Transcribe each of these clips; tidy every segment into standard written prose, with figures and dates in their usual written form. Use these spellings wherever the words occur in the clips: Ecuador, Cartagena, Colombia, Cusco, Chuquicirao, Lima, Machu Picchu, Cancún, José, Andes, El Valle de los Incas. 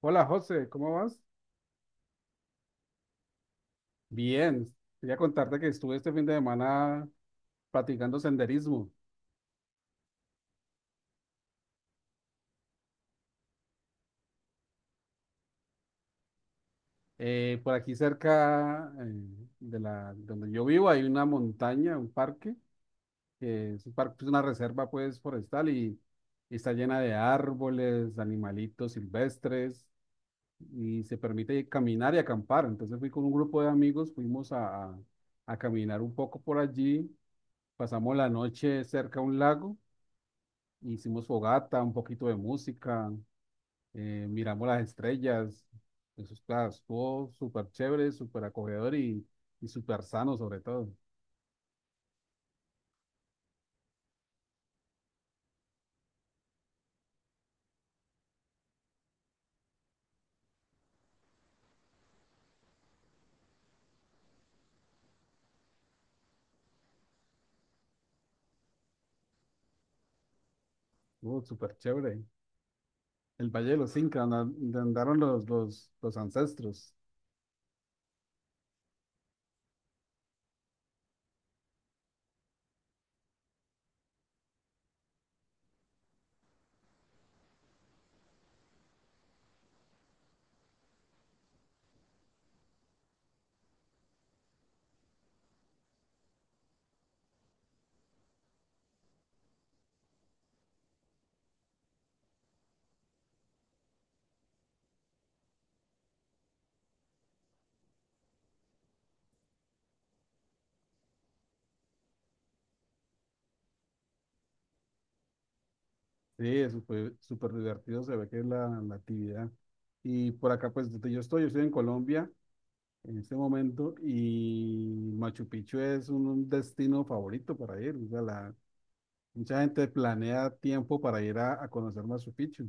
Hola José, ¿cómo vas? Bien, quería contarte que estuve este fin de semana practicando senderismo. Por aquí cerca donde yo vivo hay una montaña, un parque, es una reserva pues forestal y está llena de árboles, animalitos silvestres y se permite caminar y acampar. Entonces fui con un grupo de amigos, fuimos a caminar un poco por allí, pasamos la noche cerca a un lago. Hicimos fogata, un poquito de música, miramos las estrellas. Eso estuvo súper chévere, súper acogedor y súper sano sobre todo. Estuvo súper chévere. El Valle de los Incas, donde donde andaron los ancestros. Sí, eso fue súper divertido, se ve que es la actividad. Y por acá, pues donde yo estoy en Colombia en este momento, y Machu Picchu es un destino favorito para ir. O sea, mucha gente planea tiempo para ir a conocer Machu Picchu.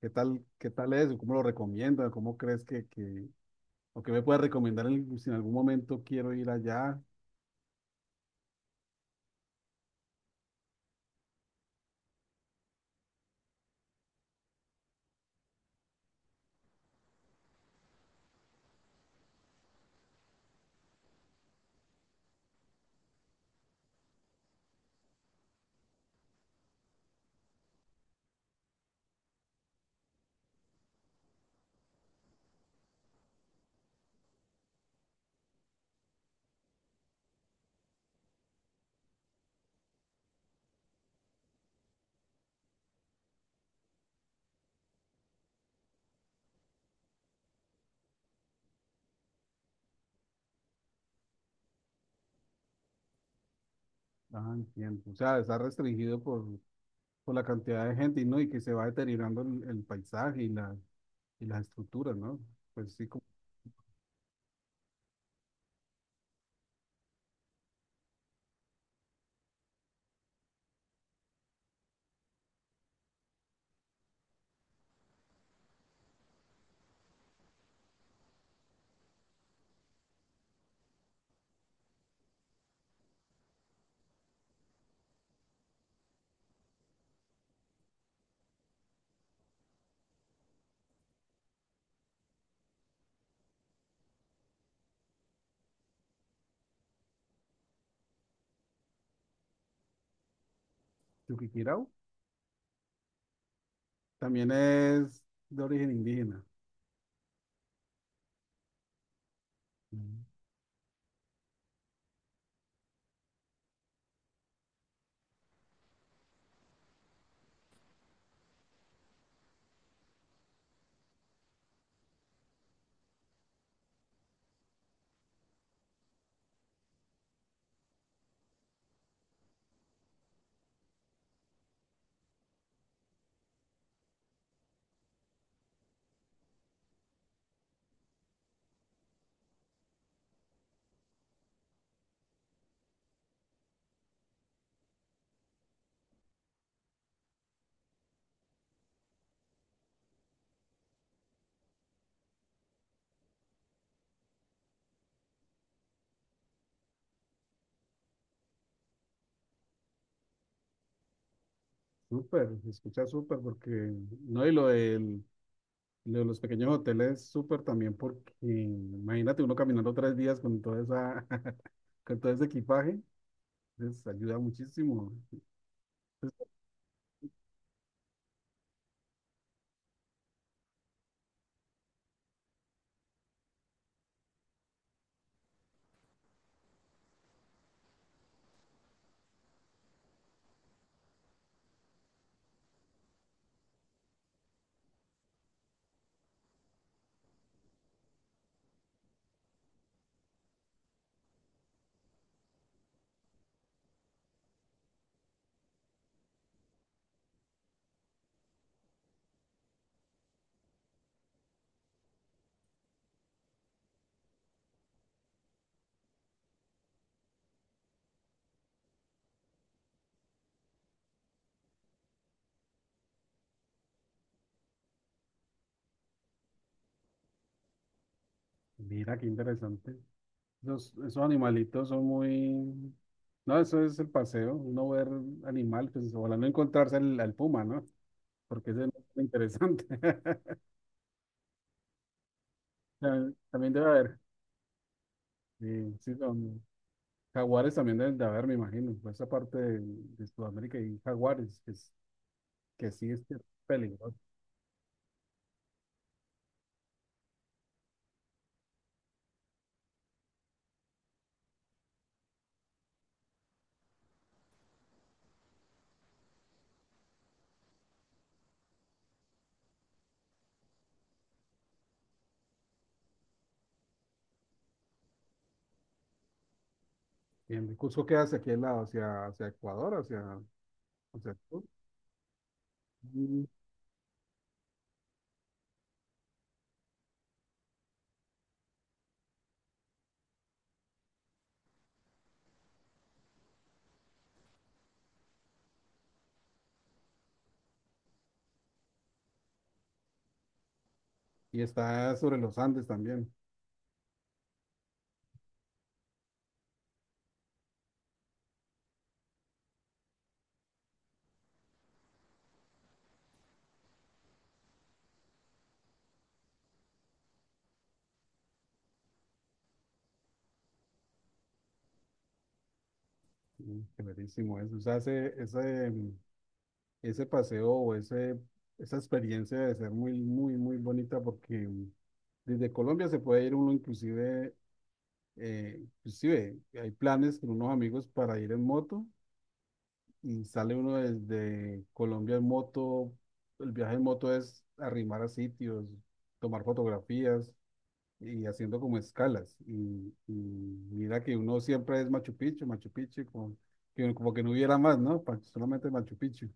¿Qué tal es? ¿Cómo lo recomiendas? ¿Cómo crees o qué me puedes recomendar si en algún momento quiero ir allá? Ah, entiendo. O sea, está restringido por la cantidad de gente, y ¿no? Y que se va deteriorando el paisaje, y las estructuras, ¿no? Pues sí, como Chuquicirao también es de origen indígena. Mm. Súper, se escucha súper porque, no, y lo de los pequeños hoteles, súper también porque imagínate uno caminando 3 días con toda con todo ese equipaje, les ayuda muchísimo. Entonces, mira qué interesante. Esos animalitos son muy. No, eso es el paseo, uno ver animal, pues ojalá no encontrarse al puma, ¿no? Porque ese no es tan interesante. También también debe haber, sí, sí, jaguares también deben de haber, me imagino, por esa parte de Sudamérica y jaguares, que sí es peligroso. Bien, Cusco queda hacia aquel lado, hacia Ecuador, hacia el sur. Mm. Y está sobre los Andes también. Qué eso. O sea, ese paseo o esa experiencia debe ser muy, muy, muy bonita porque desde Colombia se puede ir uno inclusive, inclusive hay planes con unos amigos para ir en moto, y sale uno desde Colombia en moto. El viaje en moto es arrimar a sitios, tomar fotografías y haciendo como escalas. Y mira que uno siempre es Machu Picchu, Machu Picchu, como que no hubiera más, ¿no? Solamente Machu Picchu.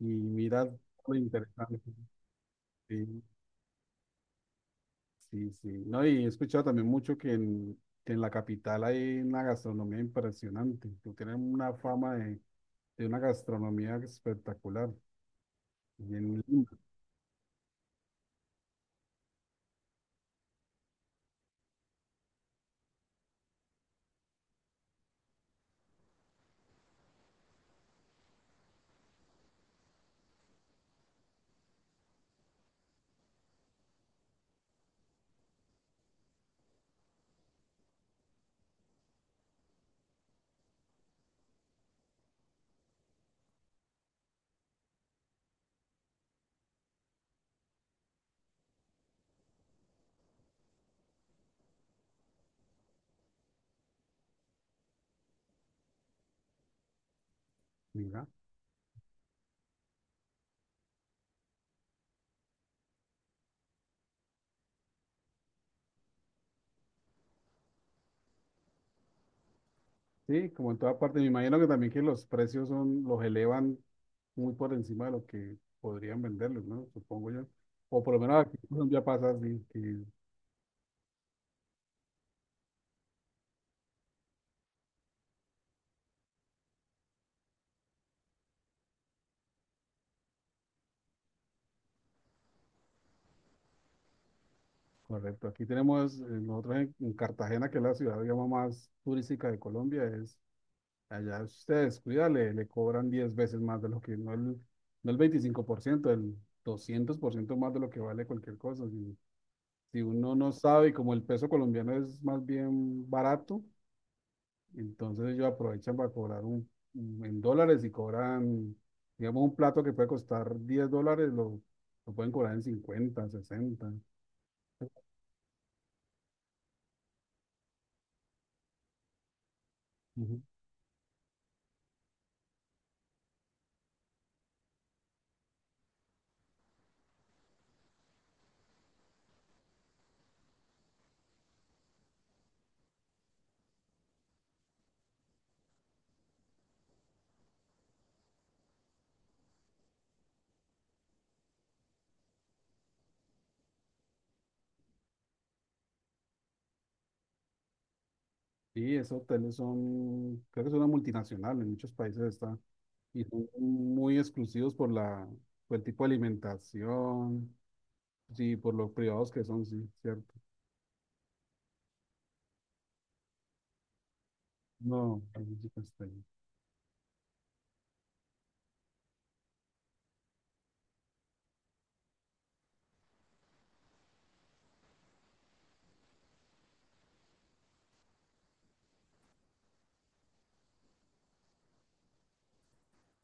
Y mira lo interesante. Sí, sí, sí. No, y he escuchado también mucho que en la capital hay una gastronomía impresionante, que tienen una fama de una gastronomía espectacular, bien linda, mira. Sí, como en toda parte, me imagino que también que los precios los elevan muy por encima de lo que podrían venderlos, ¿no? Supongo yo. O por lo menos aquí en Colombia pasa así, correcto. Aquí tenemos, nosotros en Cartagena, que es la ciudad, digamos, más turística de Colombia, allá si usted descuida, le cobran 10 veces más de lo que, no el, no el 25%, el 200% más de lo que vale cualquier cosa. Si, si uno no sabe, y como el peso colombiano es más bien barato. Entonces ellos aprovechan para cobrar en dólares y cobran, digamos, un plato que puede costar $10, lo pueden cobrar en 50, 60. Ujú. Y esos hoteles son, creo que son una multinacional, en muchos países está, y son muy exclusivos por por el tipo de alimentación, sí, por los privados que son, sí, cierto. No, ahí sí que está ahí.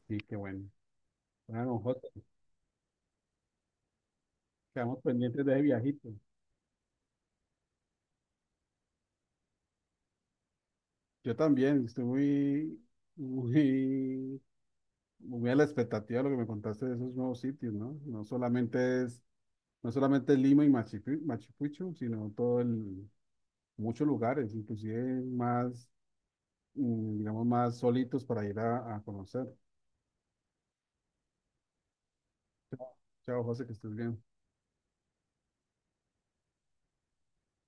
Sí, qué bueno. Bueno, José, quedamos pendientes de ese viajito. Yo también, estoy muy, muy muy a la expectativa de lo que me contaste de esos nuevos sitios, ¿no? No solamente es Lima y Machu Picchu, Machu Picchu, sino muchos lugares, inclusive más, digamos, más solitos para ir a conocer. Chao, José, que estés bien.